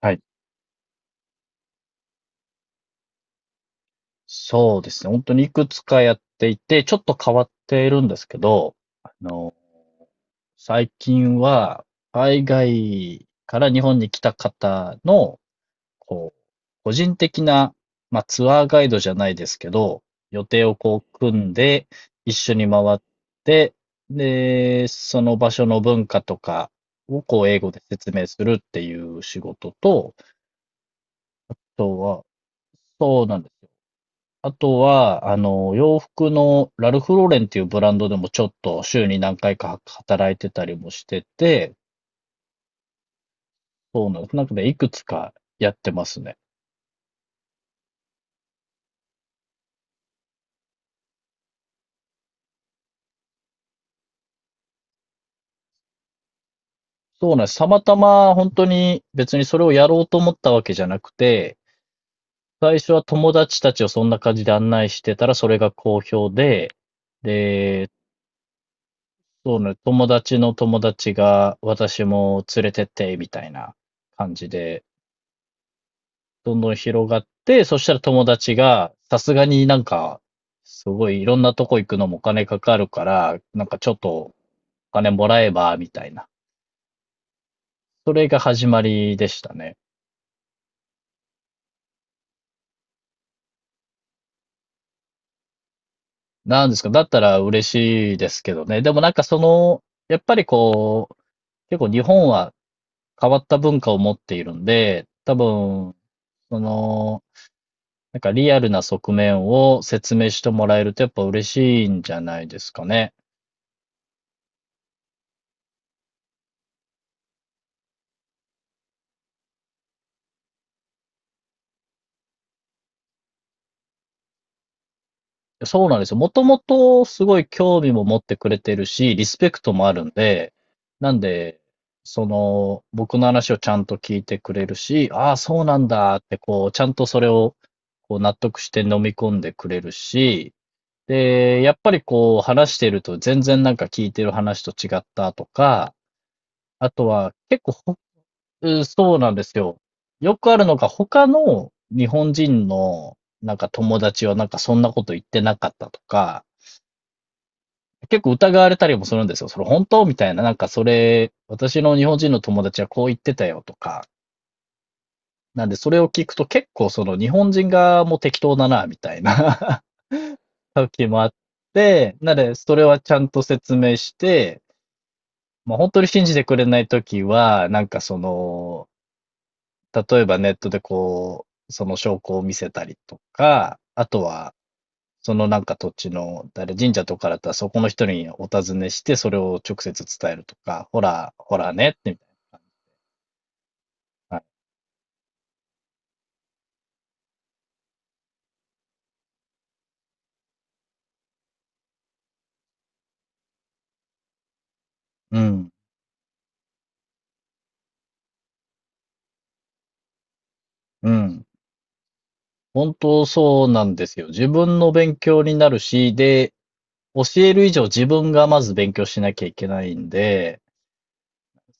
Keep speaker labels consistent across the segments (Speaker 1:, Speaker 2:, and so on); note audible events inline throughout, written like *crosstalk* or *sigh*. Speaker 1: はい。そうですね。本当にいくつかやっていて、ちょっと変わっているんですけど、あの、最近は、海外から日本に来た方の、こう、個人的な、まあ、ツアーガイドじゃないですけど、予定をこう組んで、一緒に回って、で、その場所の文化とかをこう英語で説明するっていう仕事と、あとは、そうなんです。あとは、洋服のラルフローレンっていうブランドでもちょっと週に何回か働いてたりもしてて、そうなんです。なんかね、いくつかやってますね。そうなんです。たまたま本当に別にそれをやろうと思ったわけじゃなくて、最初は友達たちをそんな感じで案内してたらそれが好評で、で、そうね、友達の友達が私も連れてって、みたいな感じで、どんどん広がって、そしたら友達が、さすがになんか、すごいいろんなとこ行くのもお金かかるから、なんかちょっとお金もらえば、みたいな。それが始まりでしたね。なんですか、だったら嬉しいですけどね。でもなんかその、やっぱりこう、結構日本は変わった文化を持っているんで、多分、その、なんかリアルな側面を説明してもらえるとやっぱ嬉しいんじゃないですかね。そうなんですよ。もともとすごい興味も持ってくれてるし、リスペクトもあるんで、なんで、その、僕の話をちゃんと聞いてくれるし、ああ、そうなんだって、こう、ちゃんとそれを、こう、納得して飲み込んでくれるし、で、やっぱりこう、話してると全然なんか聞いてる話と違ったとか、あとは結構ほ、うんそうなんですよ。よくあるのが他の日本人のなんか友達はなんかそんなこと言ってなかったとか、結構疑われたりもするんですよ。それ本当みたいな。なんかそれ、私の日本人の友達はこう言ってたよとか。なんでそれを聞くと結構その日本人側も適当だな、みたいな *laughs* 時もあって、なのでそれはちゃんと説明して、まあ、本当に信じてくれない時は、なんかその、例えばネットでこう、その証拠を見せたりとか、あとはそのなんか土地の、誰、神社とかだったらそこの人にお尋ねして、それを直接伝えるとか、ほら、ほらねってみたいな。はい。うん、うん。本当そうなんですよ。自分の勉強になるし、で、教える以上自分がまず勉強しなきゃいけないんで、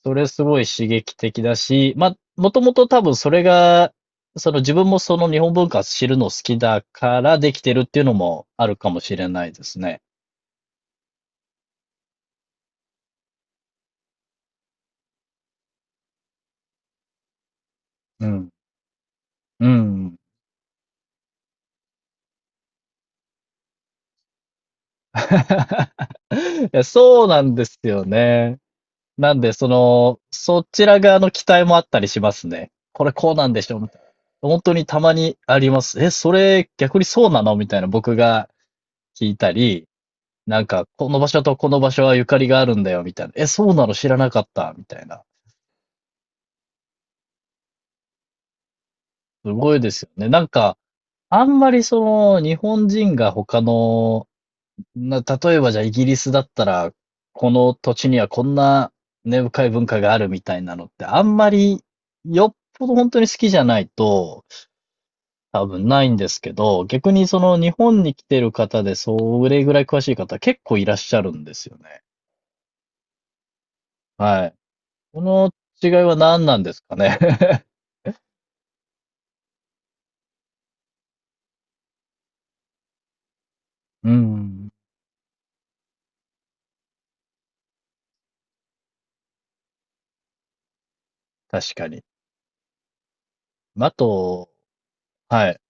Speaker 1: それすごい刺激的だし、ま、もともと多分それが、その自分もその日本文化知るの好きだからできてるっていうのもあるかもしれないですね。うん。うん。*laughs* いや、そうなんですよね。なんで、その、そちら側の期待もあったりしますね。これこうなんでしょみたいな。本当にたまにあります。え、それ逆にそうなのみたいな僕が聞いたり、なんか、この場所とこの場所はゆかりがあるんだよ、みたいな。え、そうなの知らなかった、みたいな。すごいですよね。なんか、あんまりその、日本人が他のな、例えばじゃあイギリスだったら、この土地にはこんな根深い文化があるみたいなのって、あんまりよっぽど本当に好きじゃないと多分ないんですけど、逆にその日本に来てる方でそれぐらい詳しい方結構いらっしゃるんですよね。はい。この違いは何なんですかね。*laughs* うん、確かに。あと、はい、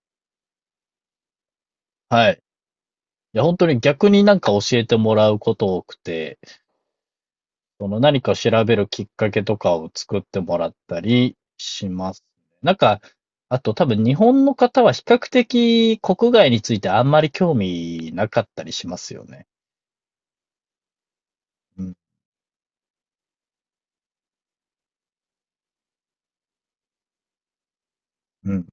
Speaker 1: はい。いや、本当に逆になんか教えてもらうこと多くて、その何かを調べるきっかけとかを作ってもらったりしますね。なんか、あと多分日本の方は比較的国外についてあんまり興味なかったりしますよね。うん、うん、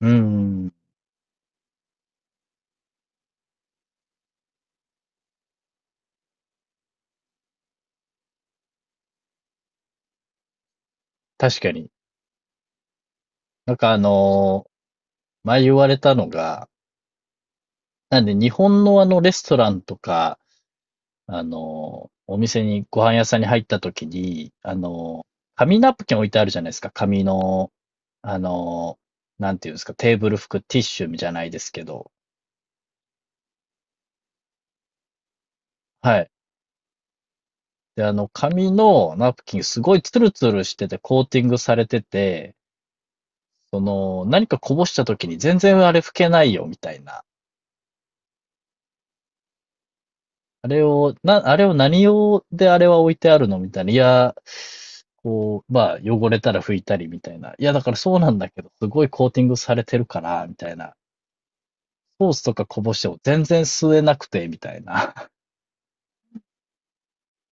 Speaker 1: うん、確かに。なんかあの前言われたのが、なんで日本のあのレストランとか、あのお店に、ご飯屋さんに入った時に、紙ナプキン置いてあるじゃないですか。紙のあの、なんていうんですか、テーブル拭くティッシュじゃないですけど、はい。で、あの、紙のナプキンすごいツルツルしててコーティングされてて、その、何かこぼした時に全然あれ拭けないよ、みたいな。あれを、な、あれを何用であれは置いてあるのみたいな。いや、こう、まあ、汚れたら拭いたりみたいな。いや、だからそうなんだけど、すごいコーティングされてるから、みたいな。ソースとかこぼしても全然吸えなくて、みたいな。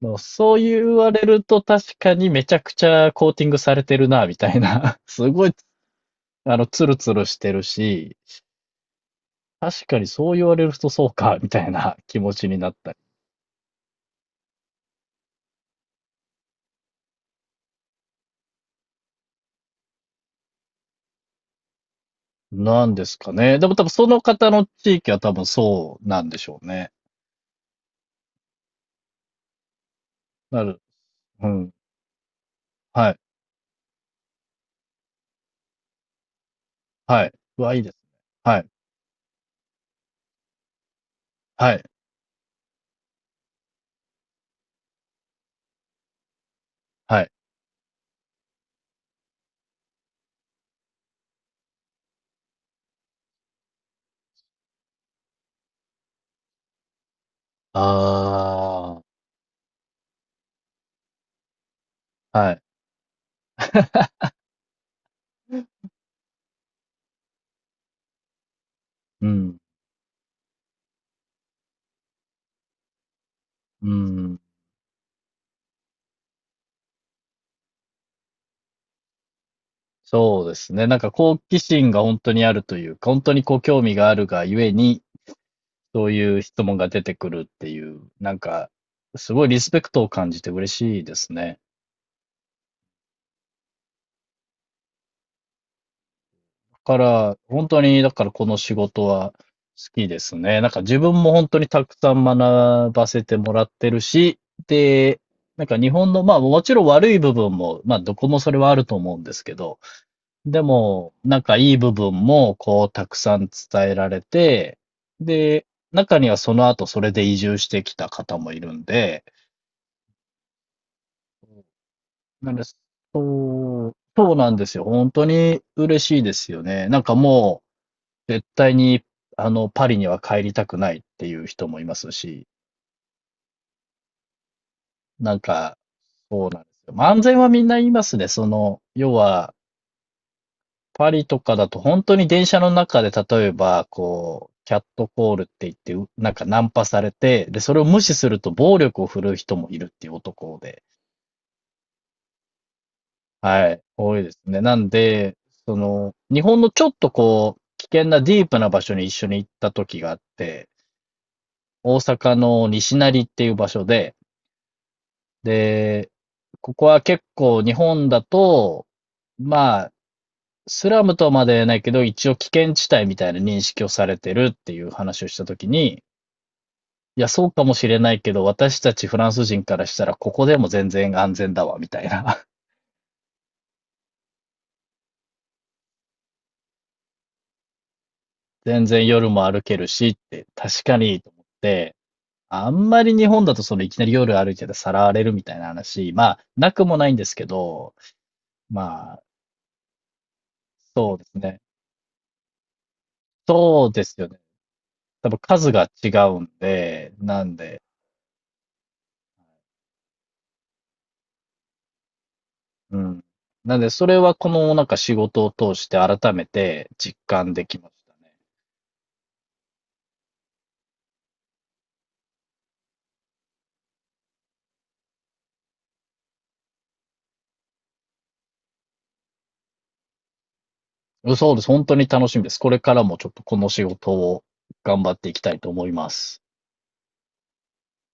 Speaker 1: もうそう言われると確かにめちゃくちゃコーティングされてるな、みたいな。*laughs* すごい、あの、ツルツルしてるし、確かにそう言われるとそうか、みたいな気持ちになったり。なんですかね。でも多分その方の地域は多分そうなんでしょうね。なる。うん。はい。はい。うわ、いいですね。はい。はい。はい。ああ。はい。*laughs* うん。うん。そうですね。なんか好奇心が本当にあるというか、本当にこう興味があるがゆえにそういう質問が出てくるっていう、なんか、すごいリスペクトを感じて嬉しいですね。だから、本当に、だからこの仕事は好きですね。なんか自分も本当にたくさん学ばせてもらってるし、で、なんか日本の、まあもちろん悪い部分も、まあどこもそれはあると思うんですけど、でも、なんかいい部分もこうたくさん伝えられて、で、中にはその後それで移住してきた方もいるんで、なんです。うん、そうなんですよ。本当に嬉しいですよね。なんかもう、絶対に、あの、パリには帰りたくないっていう人もいますし、なんか、そうなんですよ。まあ、安全はみんな言いますね。その、要は、パリとかだと本当に電車の中で例えば、こう、キャットコールって言って、うなんかナンパされて、で、それを無視すると暴力を振るう人もいるっていう男で。はい、多いですね。なんで、その、日本のちょっとこう、危険なディープな場所に一緒に行った時があって、大阪の西成っていう場所で、で、ここは結構日本だと、まあ、スラムとまでは言えないけど、一応危険地帯みたいな認識をされてるっていう話をした時に、いや、そうかもしれないけど、私たちフランス人からしたら、ここでも全然安全だわ、みたいな。*laughs* 全然夜も歩けるしって、確かに、と思って、あんまり日本だとそのいきなり夜歩いててさらわれるみたいな話、まあ、なくもないんですけど、まあ、そうですね。そうですよね。多分数が違うんで、なんで、うん。なんで、それはこのなんか仕事を通して改めて実感できましたね。うんそうです。本当に楽しみです。これからもちょっとこの仕事を頑張っていきたいと思います。